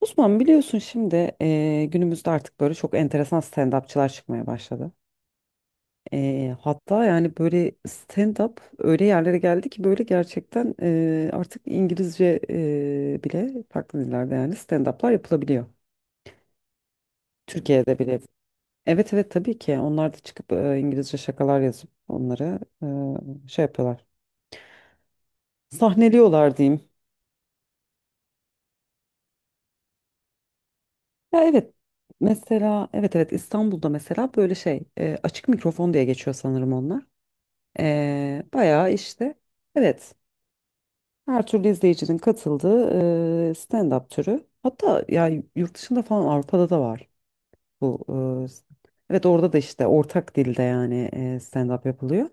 Osman biliyorsun şimdi günümüzde artık böyle çok enteresan stand-upçılar çıkmaya başladı. Hatta yani böyle stand-up öyle yerlere geldi ki böyle gerçekten artık İngilizce bile farklı dillerde yani stand-up'lar yapılabiliyor. Türkiye'de bile. Evet, evet, tabii ki onlar da çıkıp İngilizce şakalar yazıp onları şey yapıyorlar. Sahneliyorlar diyeyim. Ya evet, mesela evet, evet, İstanbul'da mesela böyle şey açık mikrofon diye geçiyor sanırım onlar. Bayağı işte evet, her türlü izleyicinin katıldığı stand-up türü. Hatta ya yurt dışında falan Avrupa'da da var bu. Evet, orada da işte ortak dilde yani stand-up yapılıyor.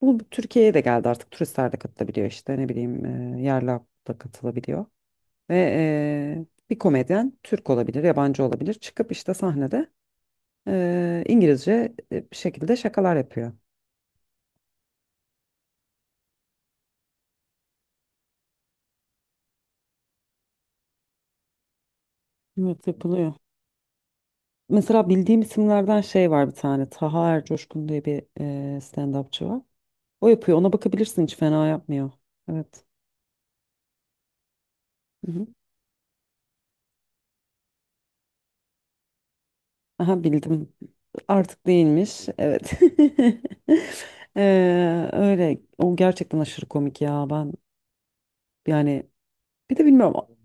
Bu Türkiye'ye de geldi, artık turistler de katılabiliyor işte ne bileyim yerli halk da katılabiliyor. Ve bir komedyen Türk olabilir, yabancı olabilir, çıkıp işte sahnede İngilizce bir şekilde şakalar yapıyor. Evet, yapılıyor. Mesela bildiğim isimlerden şey var, bir tane. Taha Ercoşkun diye bir stand-upçı var. O yapıyor. Ona bakabilirsin. Hiç fena yapmıyor. Evet. Hı hı. Aha, bildim. Artık değilmiş. Evet. Öyle. O gerçekten aşırı komik ya. Ben yani bir de bilmiyorum.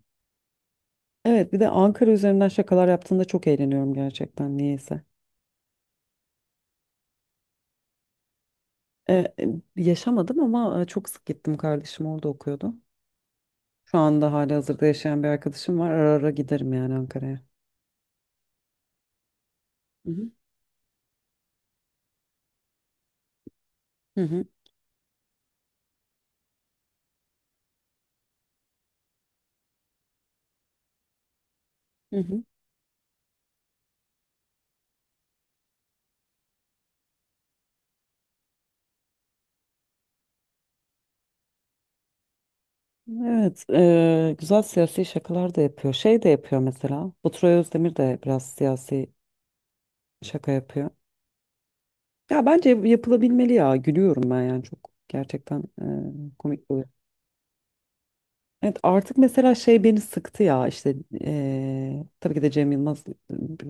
Evet, bir de Ankara üzerinden şakalar yaptığında çok eğleniyorum gerçekten, niyeyse. Ee, Yaşamadım ama çok sık gittim. Kardeşim orada okuyordu. Şu anda hali hazırda yaşayan bir arkadaşım var. Ara ara giderim yani Ankara'ya. Hı hı. Hı hı. Hı hı. Evet, güzel siyasi şakalar da yapıyor. Şey de yapıyor mesela. Baturay Özdemir de biraz siyasi şaka yapıyor. Ya bence yapılabilmeli ya. Gülüyorum ben, yani çok gerçekten komik oluyor. Evet, artık mesela şey beni sıktı ya, işte tabii ki de Cem Yılmaz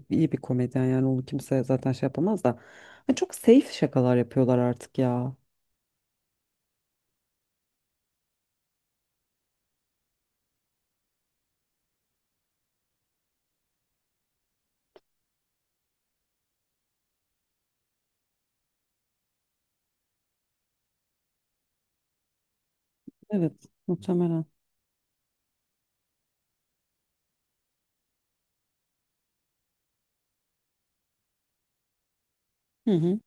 iyi bir komedyen, yani onu kimse zaten şey yapamaz da. Hani çok safe şakalar yapıyorlar artık ya. Evet, muhtemelen. Hı hı.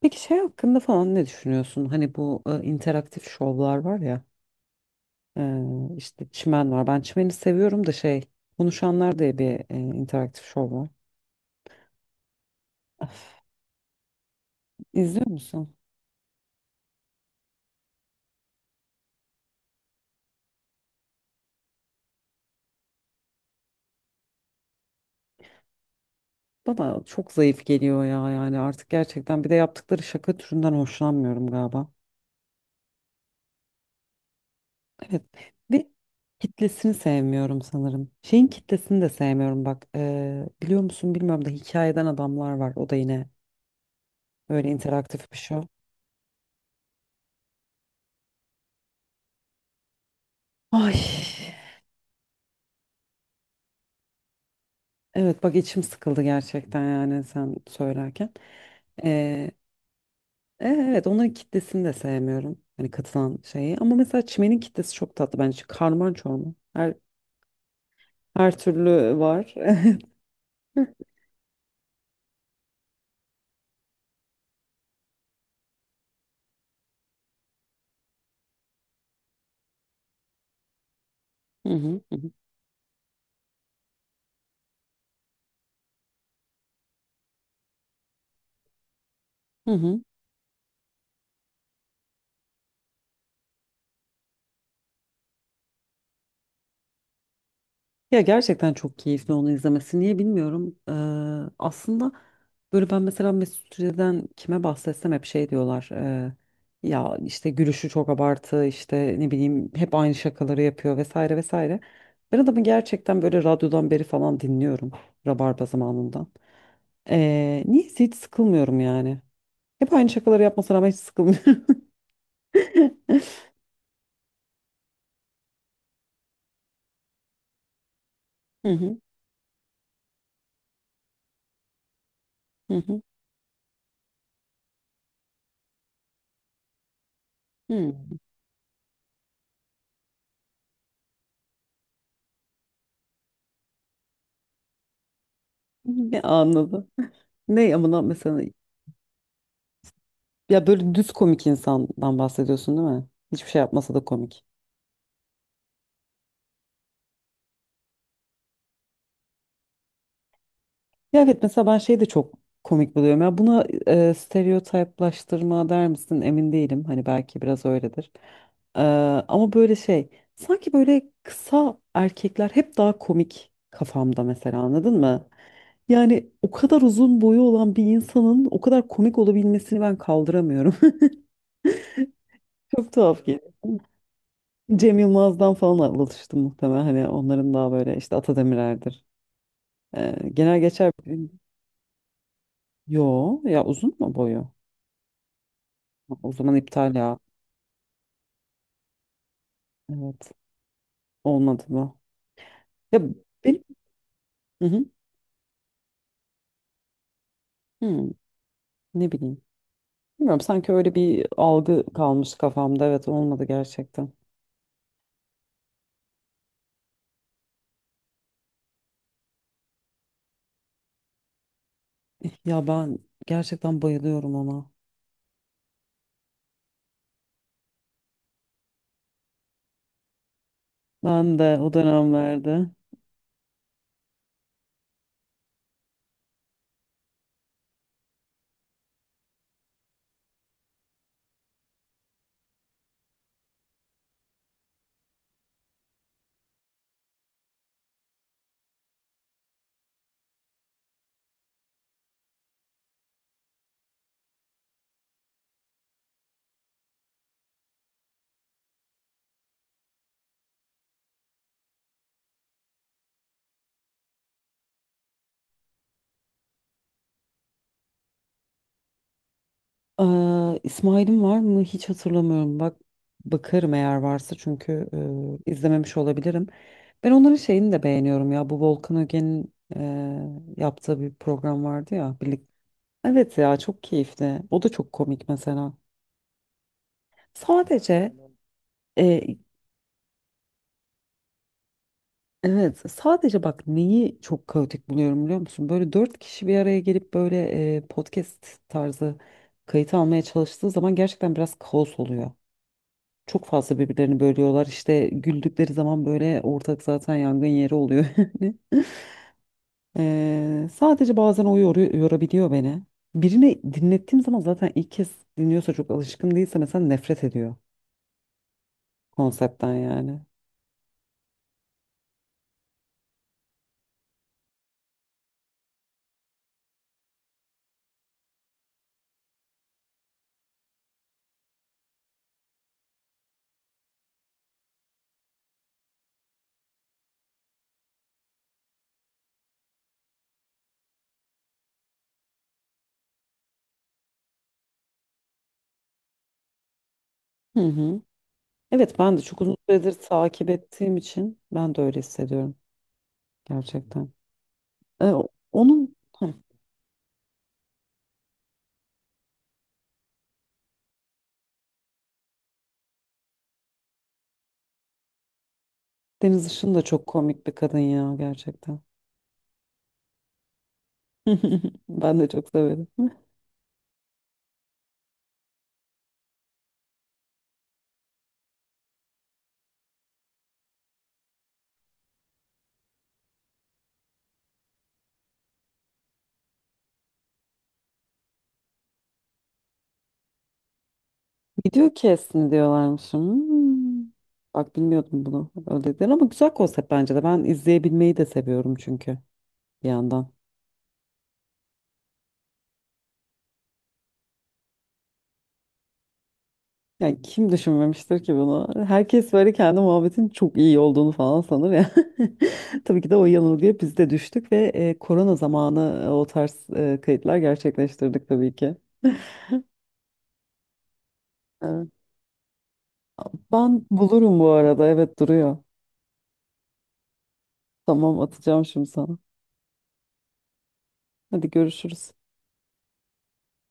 Peki şey hakkında falan ne düşünüyorsun? Hani bu interaktif şovlar var ya, e, işte çimen var. Ben çimeni seviyorum da şey, konuşanlar diye bir interaktif şov var. Öf, İzliyor musun? Bana çok zayıf geliyor ya, yani artık gerçekten, bir de yaptıkları şaka türünden hoşlanmıyorum galiba. Evet, ve kitlesini sevmiyorum sanırım. Şeyin kitlesini de sevmiyorum, bak biliyor musun bilmiyorum da, hikayeden adamlar var, o da yine böyle interaktif bir şov. Ay, evet, bak içim sıkıldı gerçekten, yani sen söylerken. Ee, evet, onların kitlesini de sevmiyorum. Hani katılan şeyi. Ama mesela çimenin kitlesi çok tatlı bence. Karman çorman. Her türlü var. Hı hı, hı hı, hı hı. Ya gerçekten çok keyifli onu izlemesi. Niye bilmiyorum. Aslında böyle ben mesela Mesut Süre'den kime bahsetsem hep şey diyorlar. Ya işte gülüşü çok abartı, işte ne bileyim hep aynı şakaları yapıyor vesaire vesaire. Ben adamı gerçekten böyle radyodan beri falan dinliyorum. Rabarba zamanından. Niyeyse hiç sıkılmıyorum yani. Hep aynı şakaları yapmasına rağmen hiç sıkılmıyorum. Hı hı, hı hı. Hı. Ne anladım. Ne amına mesela. Ya böyle düz komik insandan bahsediyorsun değil mi? Hiçbir şey yapmasa da komik. Ya evet, mesela ben şeyi de çok komik buluyorum. Ya buna stereotiplaştırma der misin emin değilim. Hani belki biraz öyledir. E, Ama böyle şey, sanki böyle kısa erkekler hep daha komik kafamda mesela, anladın mı? Yani o kadar uzun boyu olan bir insanın o kadar komik olabilmesini ben kaldıramıyorum. Çok tuhaf geliyor. Cem Yılmaz'dan falan alıştım muhtemelen. Hani onların daha böyle işte Atademir'lerdir. Ee, genel geçer bir- Yo ya, uzun mu boyu? Ha, o zaman iptal ya. Evet. Olmadı mı? Ya benim. Hı hı. Hı, ne bileyim. Bilmiyorum, sanki öyle bir algı kalmış kafamda. Evet, olmadı gerçekten. Ya ben gerçekten bayılıyorum ona. Ben de o dönemlerde. Aa, İsmail'im var mı? Hiç hatırlamıyorum. Bak, bakarım eğer varsa, çünkü izlememiş olabilirim. Ben onların şeyini de beğeniyorum ya. Bu Volkan Öge'nin yaptığı bir program vardı ya. Birlik... Evet ya, çok keyifli. O da çok komik mesela. Sadece eee, evet, sadece bak neyi çok kaotik buluyorum biliyor musun? Böyle dört kişi bir araya gelip böyle podcast tarzı kayıt almaya çalıştığı zaman gerçekten biraz kaos oluyor. Çok fazla birbirlerini bölüyorlar. İşte güldükleri zaman böyle ortak zaten yangın yeri oluyor. Yani. Sadece bazen o yorabiliyor beni. Birine dinlettiğim zaman, zaten ilk kez dinliyorsa, çok alışkın değilse mesela, nefret ediyor konseptten yani. Hı hı. Evet, ben de çok uzun süredir takip ettiğim için ben de öyle hissediyorum gerçekten. Onun. Hı. Deniz Işın da çok komik bir kadın ya, gerçekten. Ben de çok severim. Video kesimi diyorlarmış. Hmm. Bak, bilmiyordum bunu. Öyle dediler ama güzel konsept bence de. Ben izleyebilmeyi de seviyorum çünkü, bir yandan. Yani kim düşünmemiştir ki bunu? Herkes böyle kendi muhabbetin çok iyi olduğunu falan sanır ya. Tabii ki de o yanılgıya biz de düştük ve korona zamanı o tarz kayıtlar gerçekleştirdik tabii ki. Evet. Ben bulurum bu arada. Evet, duruyor. Tamam, atacağım şimdi sana. Hadi görüşürüz.